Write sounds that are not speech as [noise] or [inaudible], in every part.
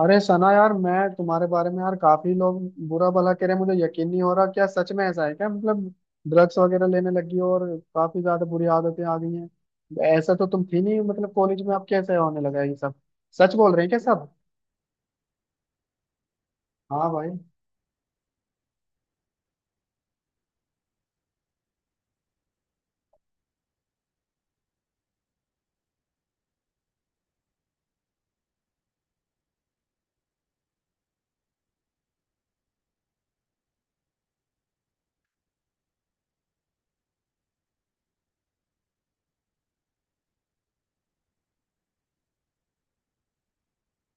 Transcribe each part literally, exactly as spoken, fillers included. अरे सना यार, मैं तुम्हारे बारे में यार काफी लोग बुरा भला कह रहे हैं। मुझे यकीन नहीं हो रहा, क्या सच में ऐसा है? क्या मतलब ड्रग्स वगैरह लेने लगी हो और काफी ज्यादा बुरी आदतें आ गई हैं? ऐसा तो तुम थी नहीं, मतलब कॉलेज में अब कैसे होने लगा है ये सब? सच बोल रहे हैं क्या सब? हाँ भाई।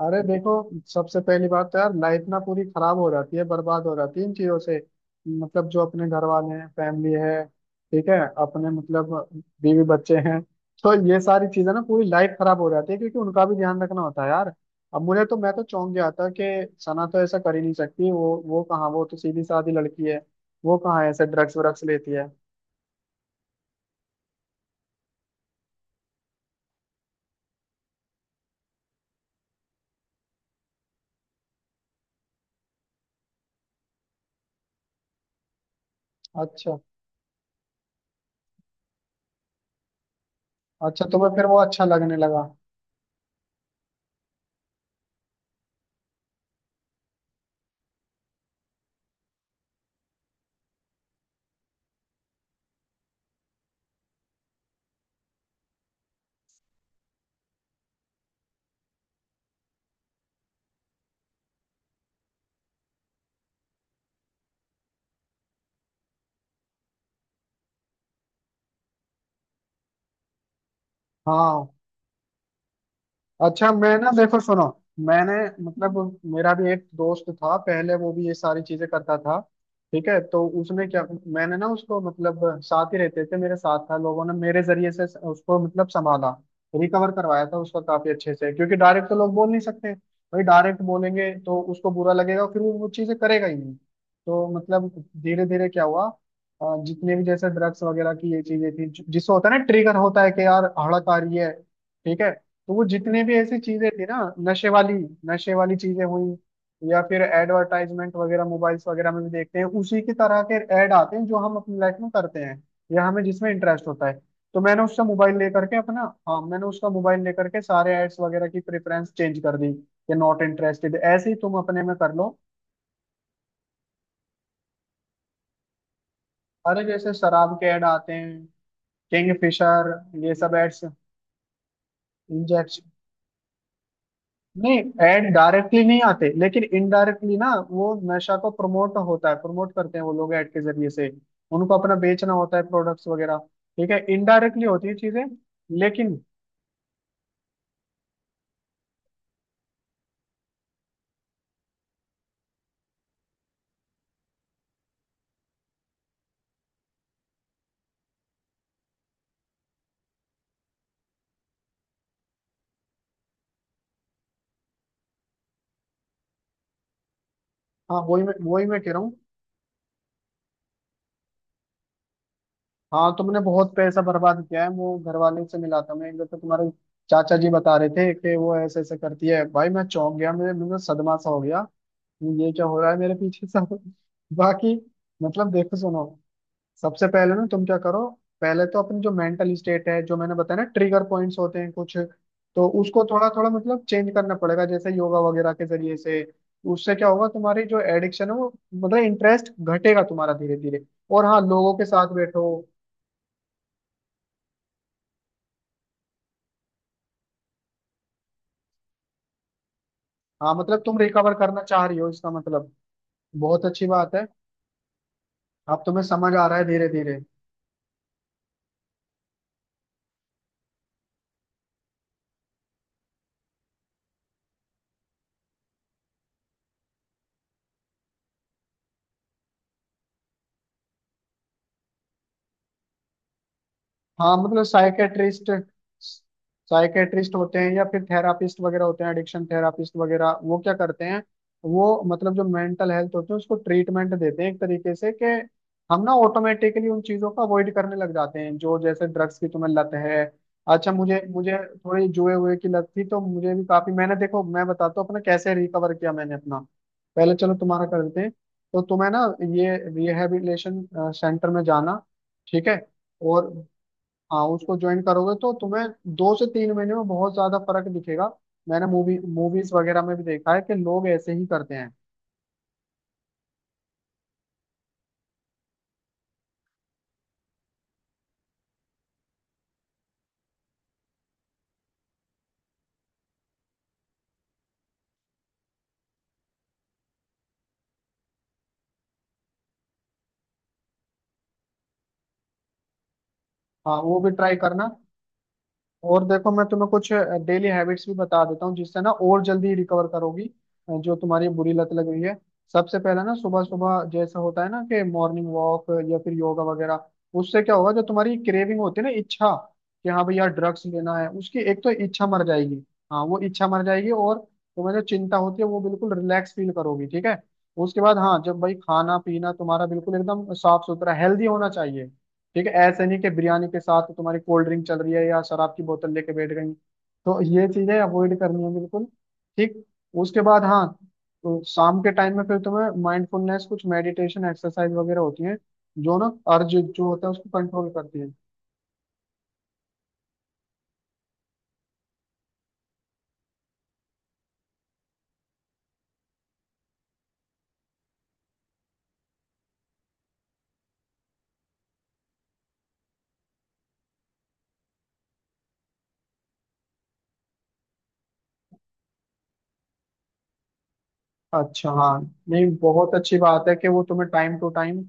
अरे देखो, सबसे पहली बात तो यार लाइफ ना पूरी खराब हो जाती है, बर्बाद हो जाती है इन चीजों से। मतलब जो अपने घर वाले हैं, फैमिली है, ठीक है, अपने मतलब बीवी बच्चे हैं, तो ये सारी चीजें ना पूरी लाइफ खराब हो जाती है क्योंकि उनका भी ध्यान रखना होता है यार। अब मुझे तो, मैं तो चौंक गया था कि सना तो ऐसा कर ही नहीं सकती। वो वो कहाँ, वो तो सीधी सादी लड़की है। वो कहाँ ऐसे ड्रग्स व्रग्स लेती है। अच्छा। अच्छा, तुम्हें फिर वो अच्छा लगने लगा। हाँ अच्छा, मैं ना देखो सुनो, मैंने मतलब मेरा भी एक दोस्त था पहले, वो भी ये सारी चीजें करता था, ठीक है। तो उसने क्या, मैंने ना उसको मतलब साथ ही रहते थे, मेरे साथ था, लोगों ने मेरे जरिए से उसको मतलब संभाला, रिकवर करवाया था उसका काफी अच्छे से, क्योंकि डायरेक्ट तो लोग बोल नहीं सकते। भाई डायरेक्ट बोलेंगे तो उसको बुरा लगेगा, फिर वो वो चीजें करेगा ही नहीं। तो मतलब धीरे धीरे क्या हुआ, अ, जितने भी जैसे ड्रग्स वगैरह की ये चीजें थी जिससे होता है ना, ट्रिगर होता है कि यार हड़क आ रही है, ठीक है। तो वो जितने भी ऐसी चीजें थी ना, नशे वाली नशे वाली चीजें हुई, या फिर एडवर्टाइजमेंट वगैरह मोबाइल्स वगैरह में भी देखते हैं, उसी की तरह के ऐड आते हैं जो हम अपनी लाइफ में करते हैं या हमें जिसमें इंटरेस्ट होता है। तो मैंने उसका मोबाइल लेकर के अपना, हाँ मैंने उसका मोबाइल लेकर के सारे एड्स वगैरह की प्रेफरेंस चेंज कर दी कि नॉट इंटरेस्टेड, ऐसे ही तुम अपने में कर लो। अरे जैसे शराब के ऐड आते हैं, किंग फिशर, ये सब। एड्स नहीं, ऐड डायरेक्टली नहीं आते लेकिन इनडायरेक्टली ना, वो नशा को प्रमोट होता है, प्रमोट करते हैं वो लोग ऐड के जरिए से, उनको अपना बेचना होता है प्रोडक्ट्स वगैरह, ठीक है, इनडायरेक्टली होती है चीजें लेकिन। हाँ वही मैं वही मैं कह रहा हूँ। हाँ तुमने बहुत पैसा बर्बाद किया है, वो घर वाले से मिला था मैं एक बार, तो तुम्हारे चाचा जी बता रहे थे कि वो ऐसे ऐसे करती है भाई, मैं चौंक गया, मेरे, मुझे सदमा सा हो गया, ये क्या हो रहा है मेरे पीछे सब। [laughs] बाकी मतलब देखो सुनो, सबसे पहले ना तुम क्या करो, पहले तो अपनी जो मेंटल स्टेट है जो मैंने बताया ना, ट्रिगर पॉइंट्स होते हैं कुछ, तो उसको थोड़ा थोड़ा मतलब चेंज करना पड़ेगा जैसे योगा वगैरह के जरिए से। उससे क्या होगा, तुम्हारी जो एडिक्शन है वो मतलब इंटरेस्ट घटेगा तुम्हारा धीरे धीरे। और हाँ, लोगों के साथ बैठो। हाँ मतलब तुम रिकवर करना चाह रही हो, इसका मतलब बहुत अच्छी बात है। अब तुम्हें समझ आ रहा है धीरे धीरे। हाँ मतलब साइकेट्रिस्ट, साइकेट्रिस्ट होते हैं या फिर थेरापिस्ट वगैरह होते हैं, एडिक्शन थेरापिस्ट वगैरह, वो क्या करते हैं, वो मतलब जो मेंटल हेल्थ होती है उसको ट्रीटमेंट देते हैं एक तरीके से, कि हम ना ऑटोमेटिकली उन चीजों को अवॉइड करने लग जाते हैं जो जैसे ड्रग्स की तुम्हें लत है। अच्छा मुझे मुझे थोड़ी जुए हुए की लत थी, तो मुझे भी काफी, मैंने देखो मैं बताता हूँ अपना कैसे रिकवर किया मैंने अपना। पहले चलो तुम्हारा कर देते हैं। तो तुम्हें ना ये रिहेबिलिटेशन सेंटर में जाना, ठीक है। और हाँ, उसको ज्वाइन करोगे तो तुम्हें दो से तीन महीने में बहुत ज्यादा फर्क दिखेगा। मैंने मूवी मूवीज वगैरह में भी देखा है कि लोग ऐसे ही करते हैं। हाँ वो भी ट्राई करना। और देखो मैं तुम्हें कुछ डेली हैबिट्स भी बता देता हूँ जिससे ना और जल्दी रिकवर करोगी। अ, जो तुम्हारी बुरी लत लग रही है, सबसे पहले ना, सुबह सुबह जैसा होता है ना, कि मॉर्निंग वॉक या फिर योगा वगैरह, उससे क्या होगा, जो तुम्हारी क्रेविंग होती है ना, इच्छा कि हाँ भैया ड्रग्स लेना है, उसकी एक तो इच्छा मर जाएगी। हाँ वो इच्छा मर जाएगी, और तुम्हें जो चिंता होती है वो बिल्कुल रिलैक्स फील करोगी, ठीक है। उसके बाद हाँ, जब भाई खाना पीना तुम्हारा बिल्कुल एकदम साफ सुथरा हेल्दी होना चाहिए, ठीक है, ऐसे नहीं कि बिरयानी के साथ तुम्हारी कोल्ड ड्रिंक चल रही है या शराब की बोतल लेके बैठ गई, तो ये चीजें अवॉइड करनी है बिल्कुल, ठीक। उसके बाद हाँ, तो शाम के टाइम में फिर तुम्हें माइंडफुलनेस, कुछ मेडिटेशन एक्सरसाइज वगैरह होती है जो ना अर्ज जो होता है उसको कंट्रोल करती है। अच्छा हाँ, नहीं बहुत अच्छी बात है कि वो तुम्हें टाइम टू टाइम,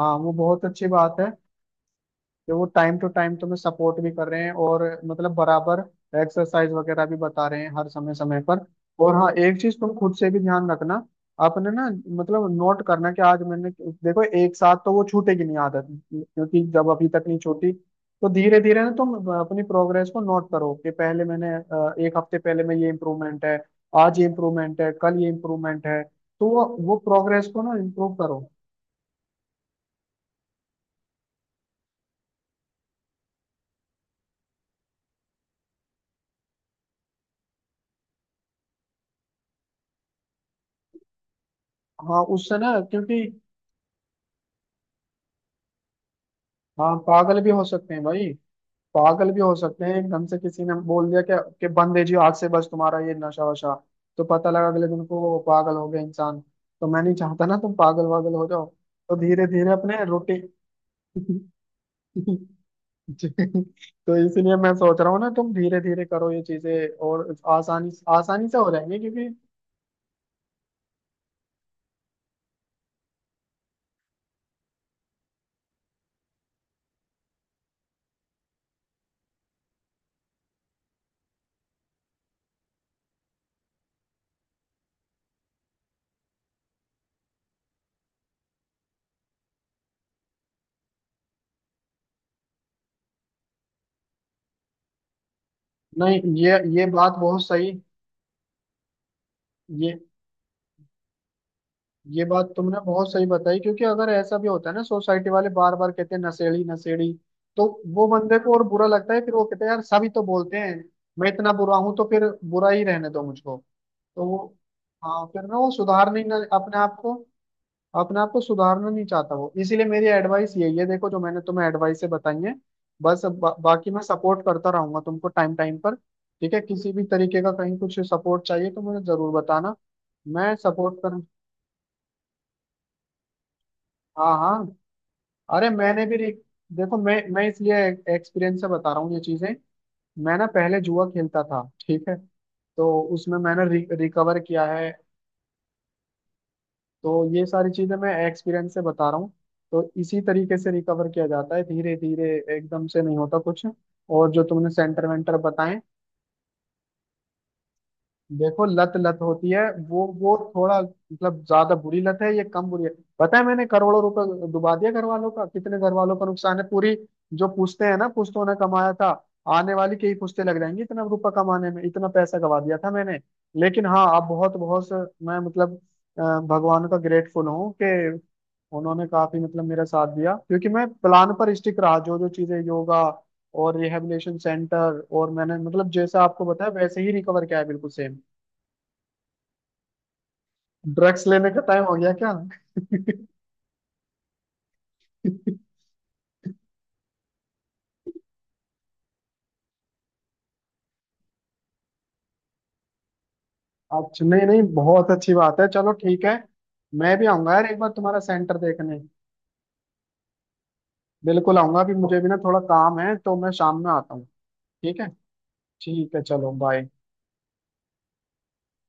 हाँ वो बहुत अच्छी बात है कि वो टाइम टू टाइम तुम्हें सपोर्ट भी कर रहे हैं, और मतलब बराबर एक्सरसाइज वगैरह भी बता रहे हैं हर समय समय पर। और हाँ, एक चीज तुम खुद से भी ध्यान रखना, आपने ना मतलब नोट करना कि आज मैंने, देखो एक साथ तो वो छूटेगी नहीं आदत, क्योंकि जब अभी तक नहीं छूटी तो धीरे धीरे ना तुम अपनी प्रोग्रेस को नोट करो कि पहले मैंने, अ, एक हफ्ते पहले में ये इम्प्रूवमेंट है, आज ये इम्प्रूवमेंट है, कल ये इम्प्रूवमेंट है, तो वो वो प्रोग्रेस को ना इम्प्रूव करो। हाँ उससे ना, क्योंकि हाँ पागल भी हो सकते हैं भाई, पागल भी हो सकते हैं, एकदम से किसी ने बोल दिया कि, कि बंद है जी आज से बस तुम्हारा ये नशा वशा, तो पता लगा अगले दिन को वो पागल हो गया इंसान। तो मैं नहीं चाहता ना तुम पागल वागल हो जाओ। तो धीरे धीरे अपने रूटीन। [laughs] तो इसलिए मैं सोच रहा हूँ ना, तुम धीरे धीरे करो ये चीजें और आसानी आसानी से हो जाएंगे क्योंकि, नहीं ये ये बात बहुत सही, ये ये बात तुमने बहुत सही बताई, क्योंकि अगर ऐसा भी होता है ना, सोसाइटी वाले बार बार कहते हैं नशेड़ी नशेड़ी, तो वो बंदे को और बुरा लगता है, फिर वो कहते हैं यार सभी तो बोलते हैं, मैं इतना बुरा हूं तो फिर बुरा ही रहने दो मुझको। तो वो हाँ, फिर ना वो सुधारने ही ना अपने आप को, अपने आप को सुधारना नहीं चाहता वो, इसीलिए मेरी एडवाइस यही है, देखो जो मैंने तुम्हें एडवाइस से बताई है। बस अब बा, बाकी मैं सपोर्ट करता रहूंगा तुमको टाइम टाइम पर, ठीक है, किसी भी तरीके का कहीं कुछ सपोर्ट चाहिए तो मुझे जरूर बताना। मैं सपोर्ट कर, हाँ हाँ, अरे मैंने भी रे- देखो, मैं मैं इसलिए एक्सपीरियंस से बता रहा हूँ ये चीजें। मैं ना पहले जुआ खेलता था, ठीक है, तो उसमें मैंने रि, रिकवर किया है। तो ये सारी चीजें मैं एक्सपीरियंस से बता रहा हूँ, तो इसी तरीके से रिकवर किया जाता है धीरे धीरे, एकदम से नहीं होता कुछ। और जो तुमने सेंटर वेंटर बताएं, देखो लत लत होती है, वो वो थोड़ा मतलब ज्यादा बुरी लत है, ये कम बुरी है। पता है मैंने करोड़ों रुपए डुबा दिया घर वालों का, कितने घर वालों का नुकसान है पूरी, जो पूछते हैं ना पुश्तों ने कमाया था, आने वाली के ही पुश्ते लग जाएंगी इतना रुपया कमाने में, इतना पैसा गवा दिया था मैंने। लेकिन हाँ, अब बहुत बहुत, मैं मतलब अ, भगवान का ग्रेटफुल हूँ कि उन्होंने काफी मतलब मेरा साथ दिया, क्योंकि मैं प्लान पर स्टिक रहा, जो जो चीजें योगा और रिहैबिलिटेशन सेंटर, और मैंने मतलब जैसा आपको बताया वैसे ही रिकवर किया है, बिल्कुल सेम। ड्रग्स लेने का टाइम हो गया क्या? [laughs] अच्छा नहीं नहीं, बहुत अच्छी बात है, चलो ठीक है। मैं भी आऊंगा यार एक बार तुम्हारा सेंटर देखने, बिल्कुल आऊंगा भी, मुझे भी ना थोड़ा काम है तो मैं शाम में आता हूँ। ठीक है। ठीक है चलो बाय।